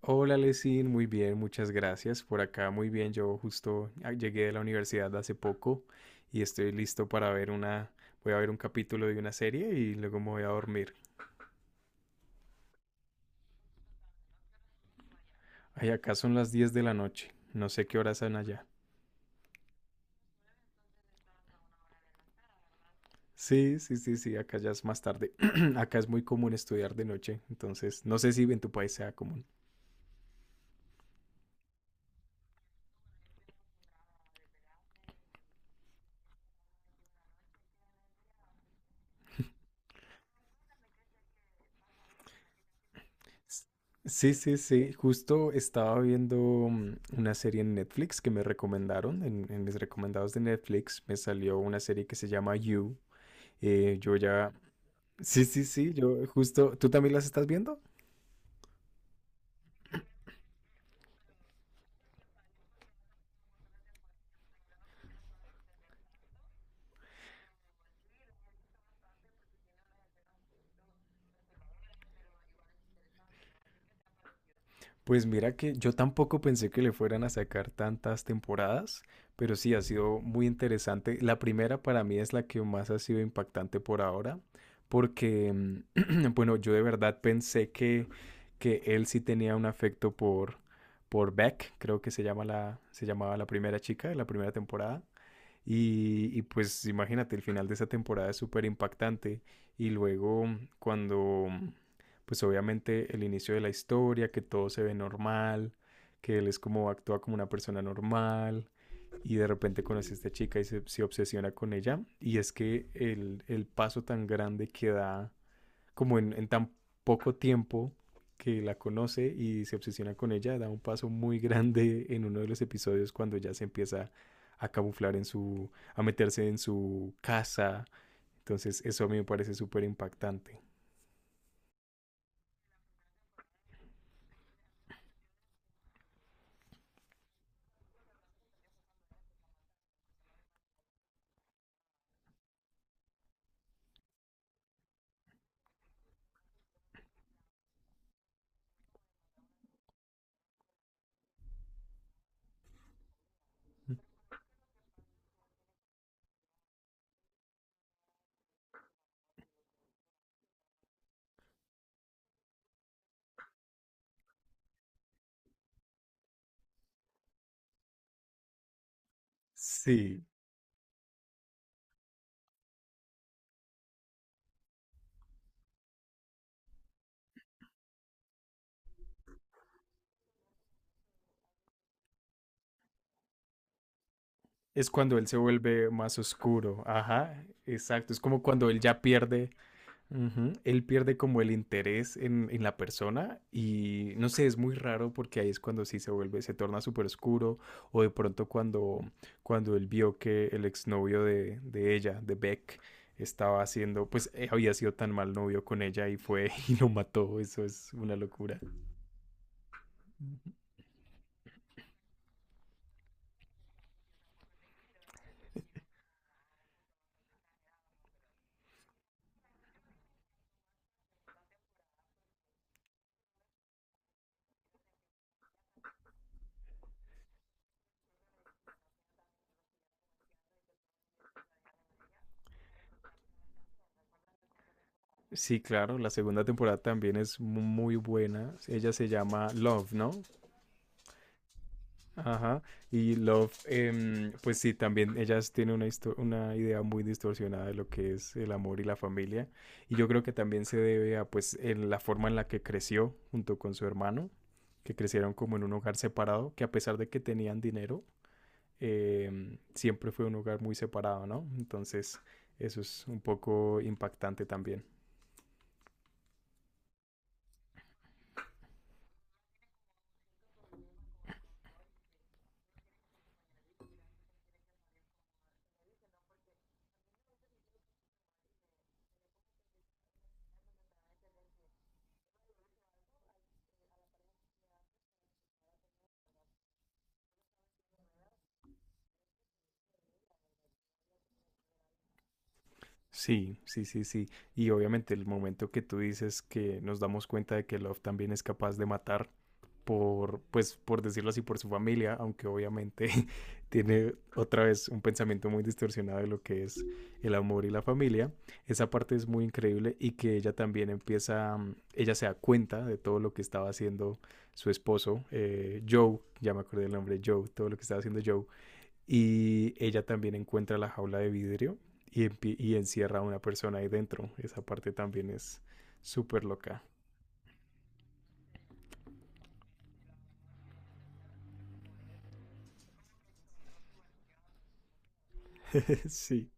Hola, Lesin, muy bien, muchas gracias. Por acá, muy bien. Yo justo llegué de la universidad hace poco y estoy listo para ver una. Voy a ver un capítulo de una serie y luego me voy a dormir. Ay, acá son las 10 de la noche. No sé qué horas son allá. Sí, sí, sí, sí, acá ya es más tarde. Acá es muy común estudiar de noche, entonces no sé si en tu país sea común. Sí, sí, sí. Justo estaba viendo una serie en Netflix que me recomendaron. En mis recomendados de Netflix me salió una serie que se llama You. Yo ya... Sí, sí, sí. Yo justo... ¿Tú también las estás viendo? Pues mira que yo tampoco pensé que le fueran a sacar tantas temporadas, pero sí ha sido muy interesante. La primera para mí es la que más ha sido impactante por ahora, porque, bueno, yo de verdad pensé que él sí tenía un afecto por Beck, creo que se llama se llamaba la primera chica de la primera temporada. Y pues imagínate, el final de esa temporada es súper impactante. Y luego cuando, pues obviamente el inicio de la historia, que todo se ve normal, que él es como actúa como una persona normal y de repente conoce a esta chica y se obsesiona con ella. Y es que el paso tan grande que da como en tan poco tiempo que la conoce y se obsesiona con ella, da un paso muy grande en uno de los episodios cuando ya se empieza a camuflar en su, a meterse en su casa. Entonces eso a mí me parece súper impactante. Sí, es cuando él se vuelve más oscuro. Ajá, exacto. Es como cuando él ya pierde. Ujú. Él pierde como el interés en la persona y no sé, es muy raro porque ahí es cuando sí se vuelve, se torna súper oscuro o de pronto cuando él vio que el exnovio de ella, de Beck, estaba haciendo, pues había sido tan mal novio con ella y fue y lo mató, eso es una locura. Sí, claro, la segunda temporada también es muy buena, ella se llama Love, ¿no? Ajá, y Love, pues sí, también ellas tienen una, una idea muy distorsionada de lo que es el amor y la familia, y yo creo que también se debe a pues en la forma en la que creció junto con su hermano, que crecieron como en un hogar separado, que a pesar de que tenían dinero, siempre fue un hogar muy separado, ¿no? Entonces, eso es un poco impactante también. Sí, sí, sí, sí. Y obviamente el momento que tú dices que nos damos cuenta de que Love también es capaz de matar por, pues, por decirlo así, por su familia, aunque obviamente tiene otra vez un pensamiento muy distorsionado de lo que es el amor y la familia. Esa parte es muy increíble y que ella también empieza, ella se da cuenta de todo lo que estaba haciendo su esposo, Joe, ya me acordé el nombre, Joe, todo lo que estaba haciendo Joe, y ella también encuentra la jaula de vidrio y, y encierra a una persona ahí dentro. Esa parte también es súper loca. Sí.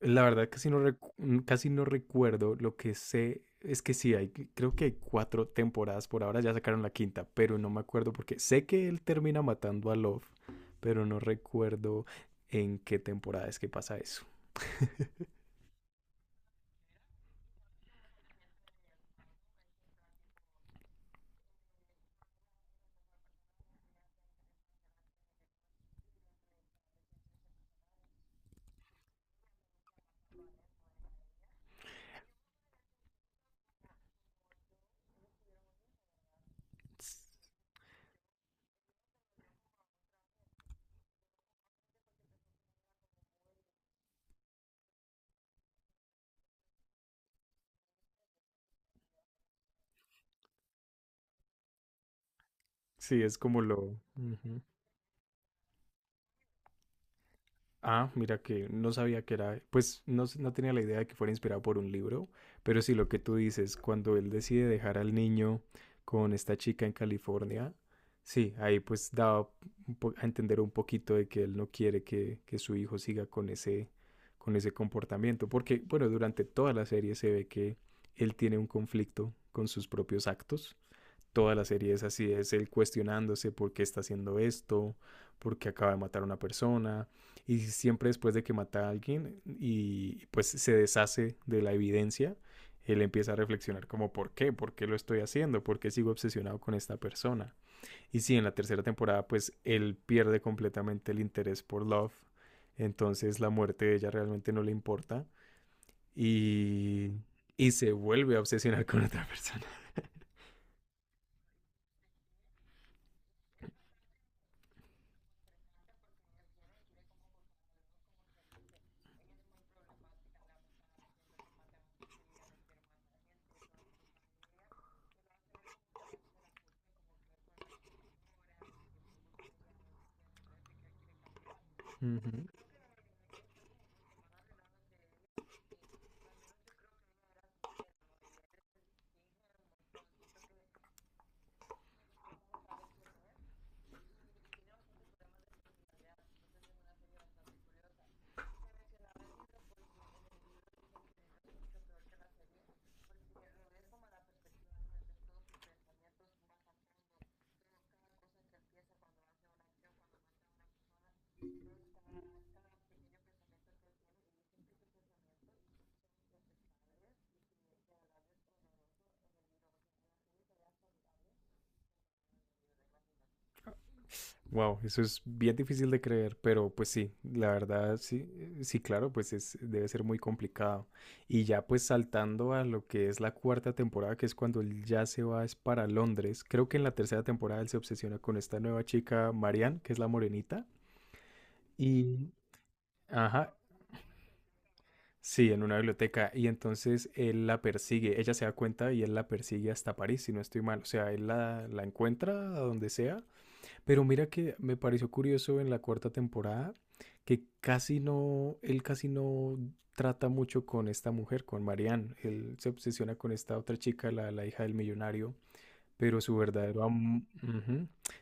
La verdad casi no, casi no recuerdo. Lo que sé es que sí, hay, creo que hay cuatro temporadas por ahora, ya sacaron la quinta, pero no me acuerdo porque sé que él termina matando a Love, pero no recuerdo en qué temporada es que pasa eso. S- Sí, es como lo... Ujú. Ah, mira que no sabía que era, pues no, no tenía la idea de que fuera inspirado por un libro, pero sí lo que tú dices, cuando él decide dejar al niño con esta chica en California, sí, ahí pues daba a entender un poquito de que él no quiere que su hijo siga con ese comportamiento, porque bueno, durante toda la serie se ve que él tiene un conflicto con sus propios actos. Toda la serie es así, es él cuestionándose por qué está haciendo esto, por qué acaba de matar a una persona, y siempre después de que mata a alguien y pues se deshace de la evidencia, él empieza a reflexionar como por qué lo estoy haciendo, por qué sigo obsesionado con esta persona. Y sí, en la tercera temporada pues él pierde completamente el interés por Love, entonces la muerte de ella realmente no le importa y, y se vuelve a obsesionar con otra persona. Uh -huh. Wow, eso es bien difícil de creer, pero pues sí, la verdad sí, sí, claro, pues es, debe ser muy complicado. Y ya pues saltando a lo que es la cuarta temporada, que es cuando él ya se va es para Londres, creo que en la tercera temporada él se obsesiona con esta nueva chica, Marianne, que es la morenita, y, ajá, sí, en una biblioteca, y entonces él la persigue, ella se da cuenta y él la persigue hasta París, si no estoy mal, o sea, él la encuentra a donde sea. Pero mira que me pareció curioso en la cuarta temporada que casi no, él casi no trata mucho con esta mujer, con Marianne. Él se obsesiona con esta otra chica, la hija del millonario, pero su verdadero amor...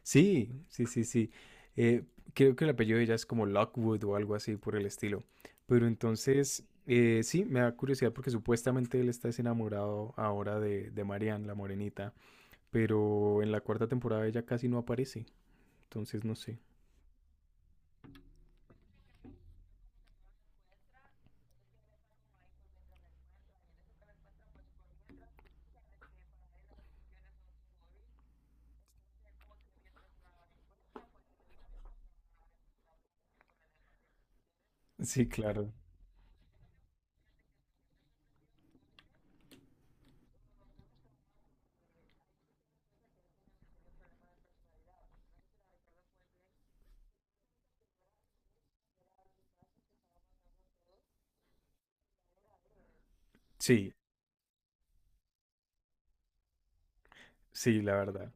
Sí, sí, sí, sí. Eh, creo que el apellido de ella es como Lockwood o algo así por el estilo. Pero entonces, sí, me da curiosidad porque supuestamente él está desenamorado ahora de Marianne, la morenita, pero en la cuarta temporada ella casi no aparece. Entonces, no sé. Sí, claro. Sí, sí, la verdad.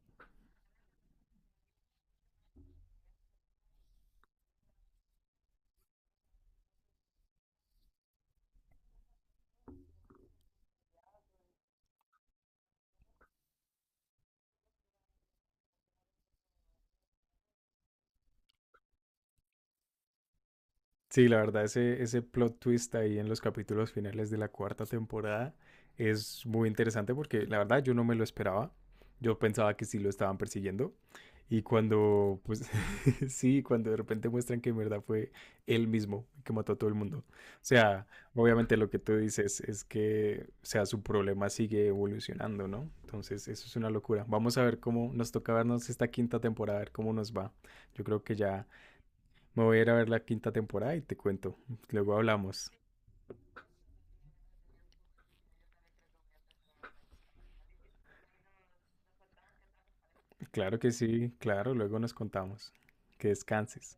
Sí, la verdad, ese plot twist ahí en los capítulos finales de la cuarta temporada es muy interesante porque la verdad yo no me lo esperaba. Yo pensaba que sí lo estaban persiguiendo. Y cuando, pues, sí, cuando de repente muestran que en verdad fue él mismo que mató a todo el mundo. O sea, obviamente lo que tú dices es o sea, su problema sigue evolucionando, ¿no? Entonces, eso es una locura. Vamos a ver cómo nos toca vernos esta quinta temporada, a ver cómo nos va. Yo creo que ya me voy a ir a ver la quinta temporada y te cuento. Luego hablamos. Claro que sí, claro, luego nos contamos. Que descanses.